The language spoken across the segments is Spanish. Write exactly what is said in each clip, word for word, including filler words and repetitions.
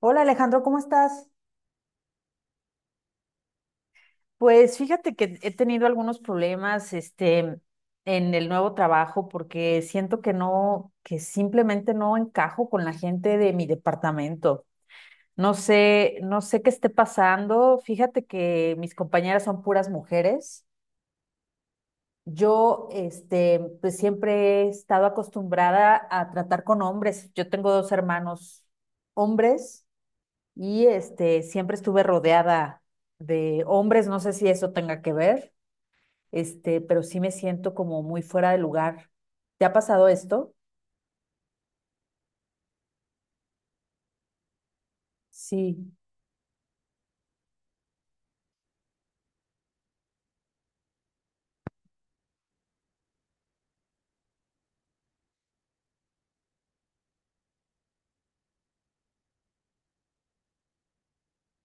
Hola Alejandro, ¿cómo estás? Pues fíjate que he tenido algunos problemas, este, en el nuevo trabajo porque siento que no, que simplemente no encajo con la gente de mi departamento. No sé, no sé qué esté pasando. Fíjate que mis compañeras son puras mujeres. Yo, este, pues siempre he estado acostumbrada a tratar con hombres. Yo tengo dos hermanos hombres. Y este, siempre estuve rodeada de hombres, no sé si eso tenga que ver, este, pero sí me siento como muy fuera de lugar. ¿Te ha pasado esto? Sí,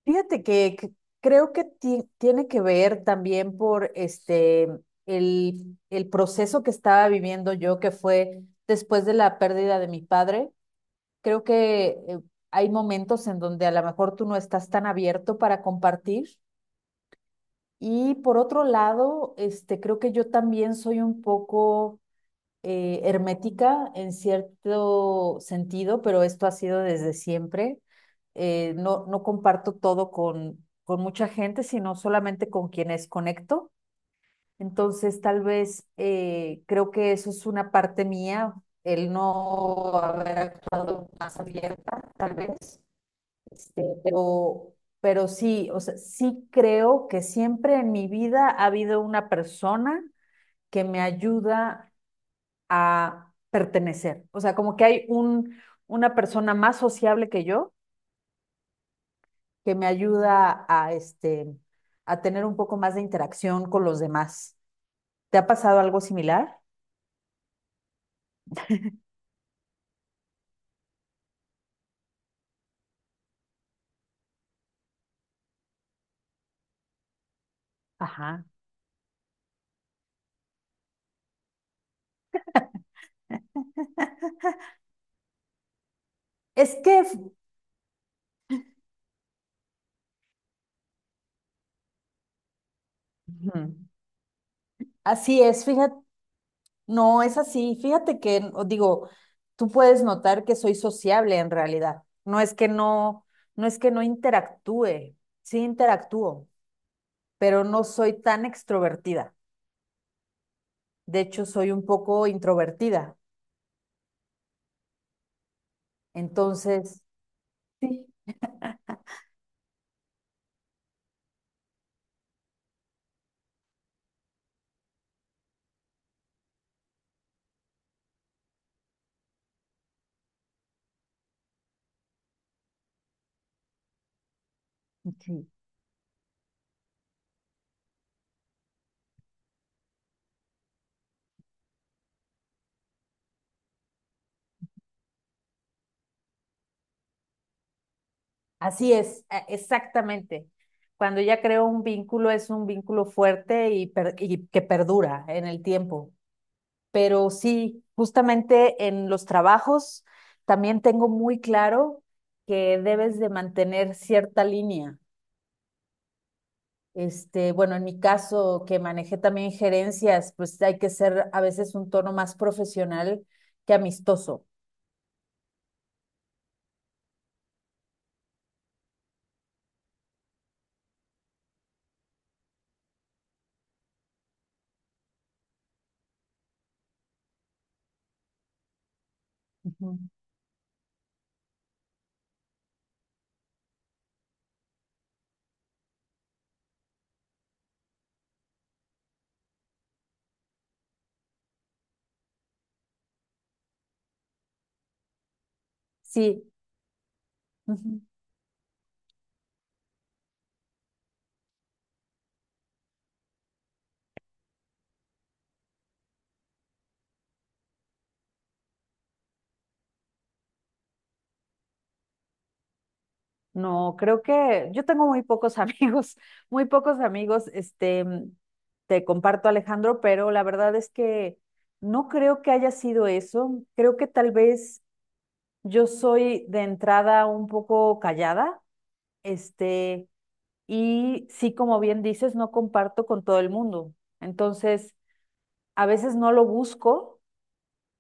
fíjate que, que creo que ti- tiene que ver también por este el, el proceso que estaba viviendo yo, que fue después de la pérdida de mi padre. Creo que eh, hay momentos en donde a lo mejor tú no estás tan abierto para compartir. Y por otro lado, este, creo que yo también soy un poco eh, hermética en cierto sentido, pero esto ha sido desde siempre. Eh, no, no comparto todo con, con mucha gente, sino solamente con quienes conecto. Entonces, tal vez eh, creo que eso es una parte mía, el no haber actuado más abierta, tal vez. Este, pero, pero sí, o sea, sí creo que siempre en mi vida ha habido una persona que me ayuda a pertenecer. O sea, como que hay un, una persona más sociable que yo que me ayuda a, este, a tener un poco más de interacción con los demás. ¿Te ha pasado algo similar? Ajá. Es que f- ujú, así es, fíjate. No, es así. Fíjate que, o digo, tú puedes notar que soy sociable en realidad. No es que no, no es que no interactúe, sí interactúo, pero no soy tan extrovertida. De hecho, soy un poco introvertida. Entonces, sí, sí. Así es, a- exactamente. Cuando ya creo un vínculo, es un vínculo fuerte y, per- y que perdura en el tiempo. Pero sí, justamente en los trabajos también tengo muy claro que debes de mantener cierta línea. Este, bueno, en mi caso, que manejé también gerencias, pues hay que ser a veces un tono más profesional que amistoso. Ujú. Sí. Ujú. No, creo que yo tengo muy pocos amigos, muy pocos amigos, este, mm, te comparto, Alejandro, pero la verdad es que no creo que haya sido eso. Creo que tal vez yo soy de entrada un poco callada, este, y sí, como bien dices, no comparto con todo el mundo. Entonces, a veces no lo busco,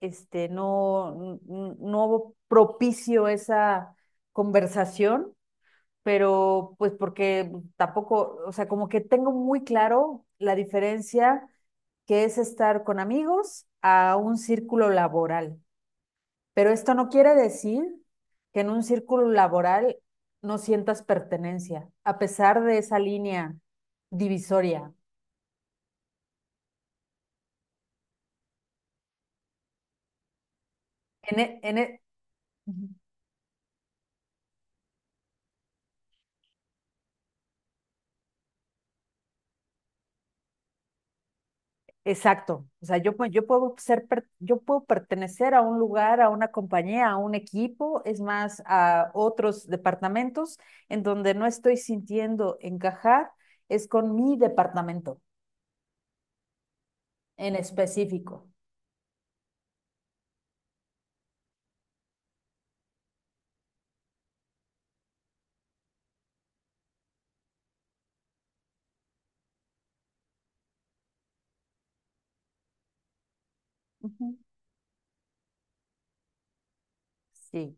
este, no, n- no propicio esa conversación, pero pues porque tampoco, o sea, como que tengo muy claro la diferencia que es estar con amigos a un círculo laboral. Pero esto no quiere decir que en un círculo laboral no sientas pertenencia, a pesar de esa línea divisoria. En, e- en e- Ujú, exacto. O sea, yo, pu- yo puedo ser, per- yo puedo pertenecer a un lugar, a una compañía, a un equipo, es más, a otros departamentos en donde no estoy sintiendo encajar, es con mi departamento en específico. Ujú. Sí.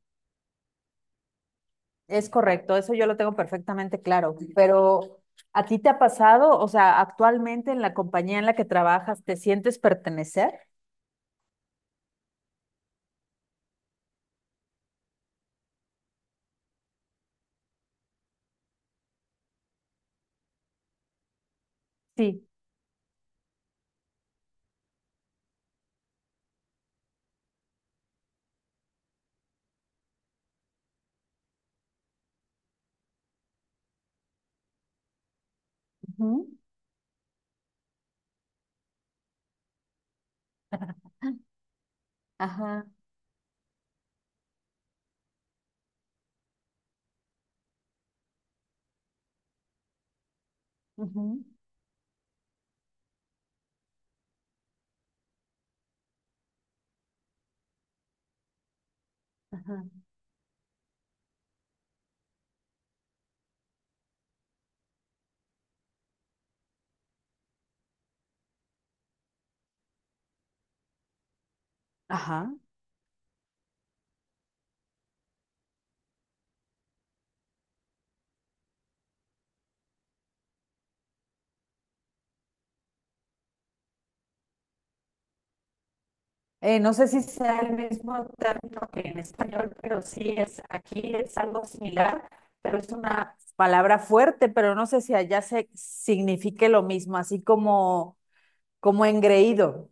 Es correcto, eso yo lo tengo perfectamente claro, pero ¿a ti te ha pasado? O sea, actualmente en la compañía en la que trabajas, ¿te sientes pertenecer? Sí. Ujú. Ajá, ujú, ajá, ajá. Eh, no sé si sea el mismo término que en español, pero sí es, aquí es algo similar, pero es una palabra fuerte, pero no sé si allá se signifique lo mismo, así como, como engreído.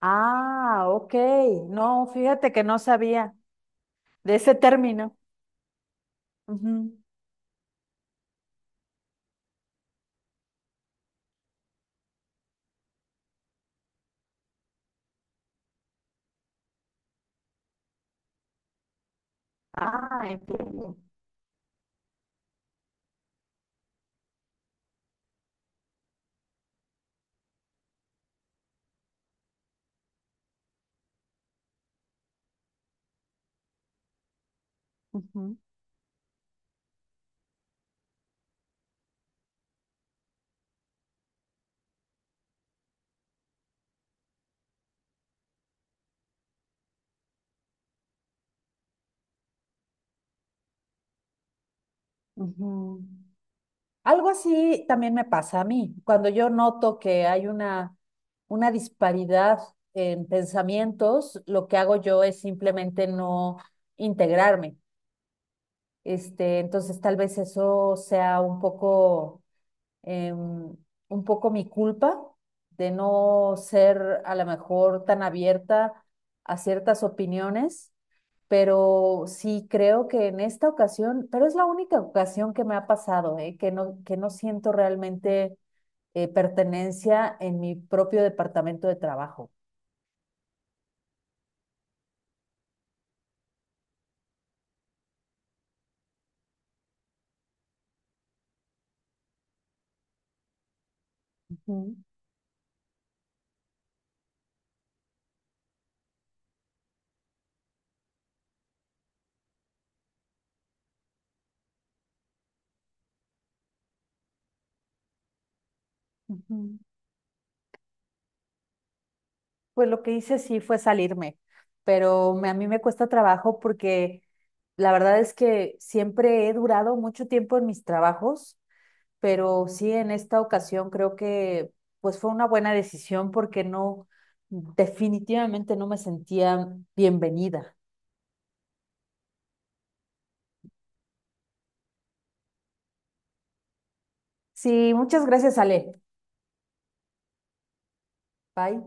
Ah, ok. No, fíjate que no sabía de ese término. Ujú. Ah, entiendo. Ujú. Ujú. Algo así también me pasa a mí, cuando yo noto que hay una, una disparidad en pensamientos, lo que hago yo es simplemente no integrarme. Este, entonces tal vez eso sea un poco... em, un poco mi culpa de no ser a lo mejor tan abierta a ciertas opiniones, pero sí creo que en esta ocasión, pero es la única ocasión que me ha pasado, ¿eh? que no, que no siento realmente eh, pertenencia en mi propio departamento de trabajo. Ujú, ujú. Pues lo que hice sí fue salirme, pero me- a mí me cuesta trabajo porque la verdad es que siempre he durado mucho tiempo en mis trabajos, pero sí en esta ocasión creo que pues fue una buena decisión porque no, definitivamente no me sentía bienvenida. Sí, muchas gracias, Ale. Bye.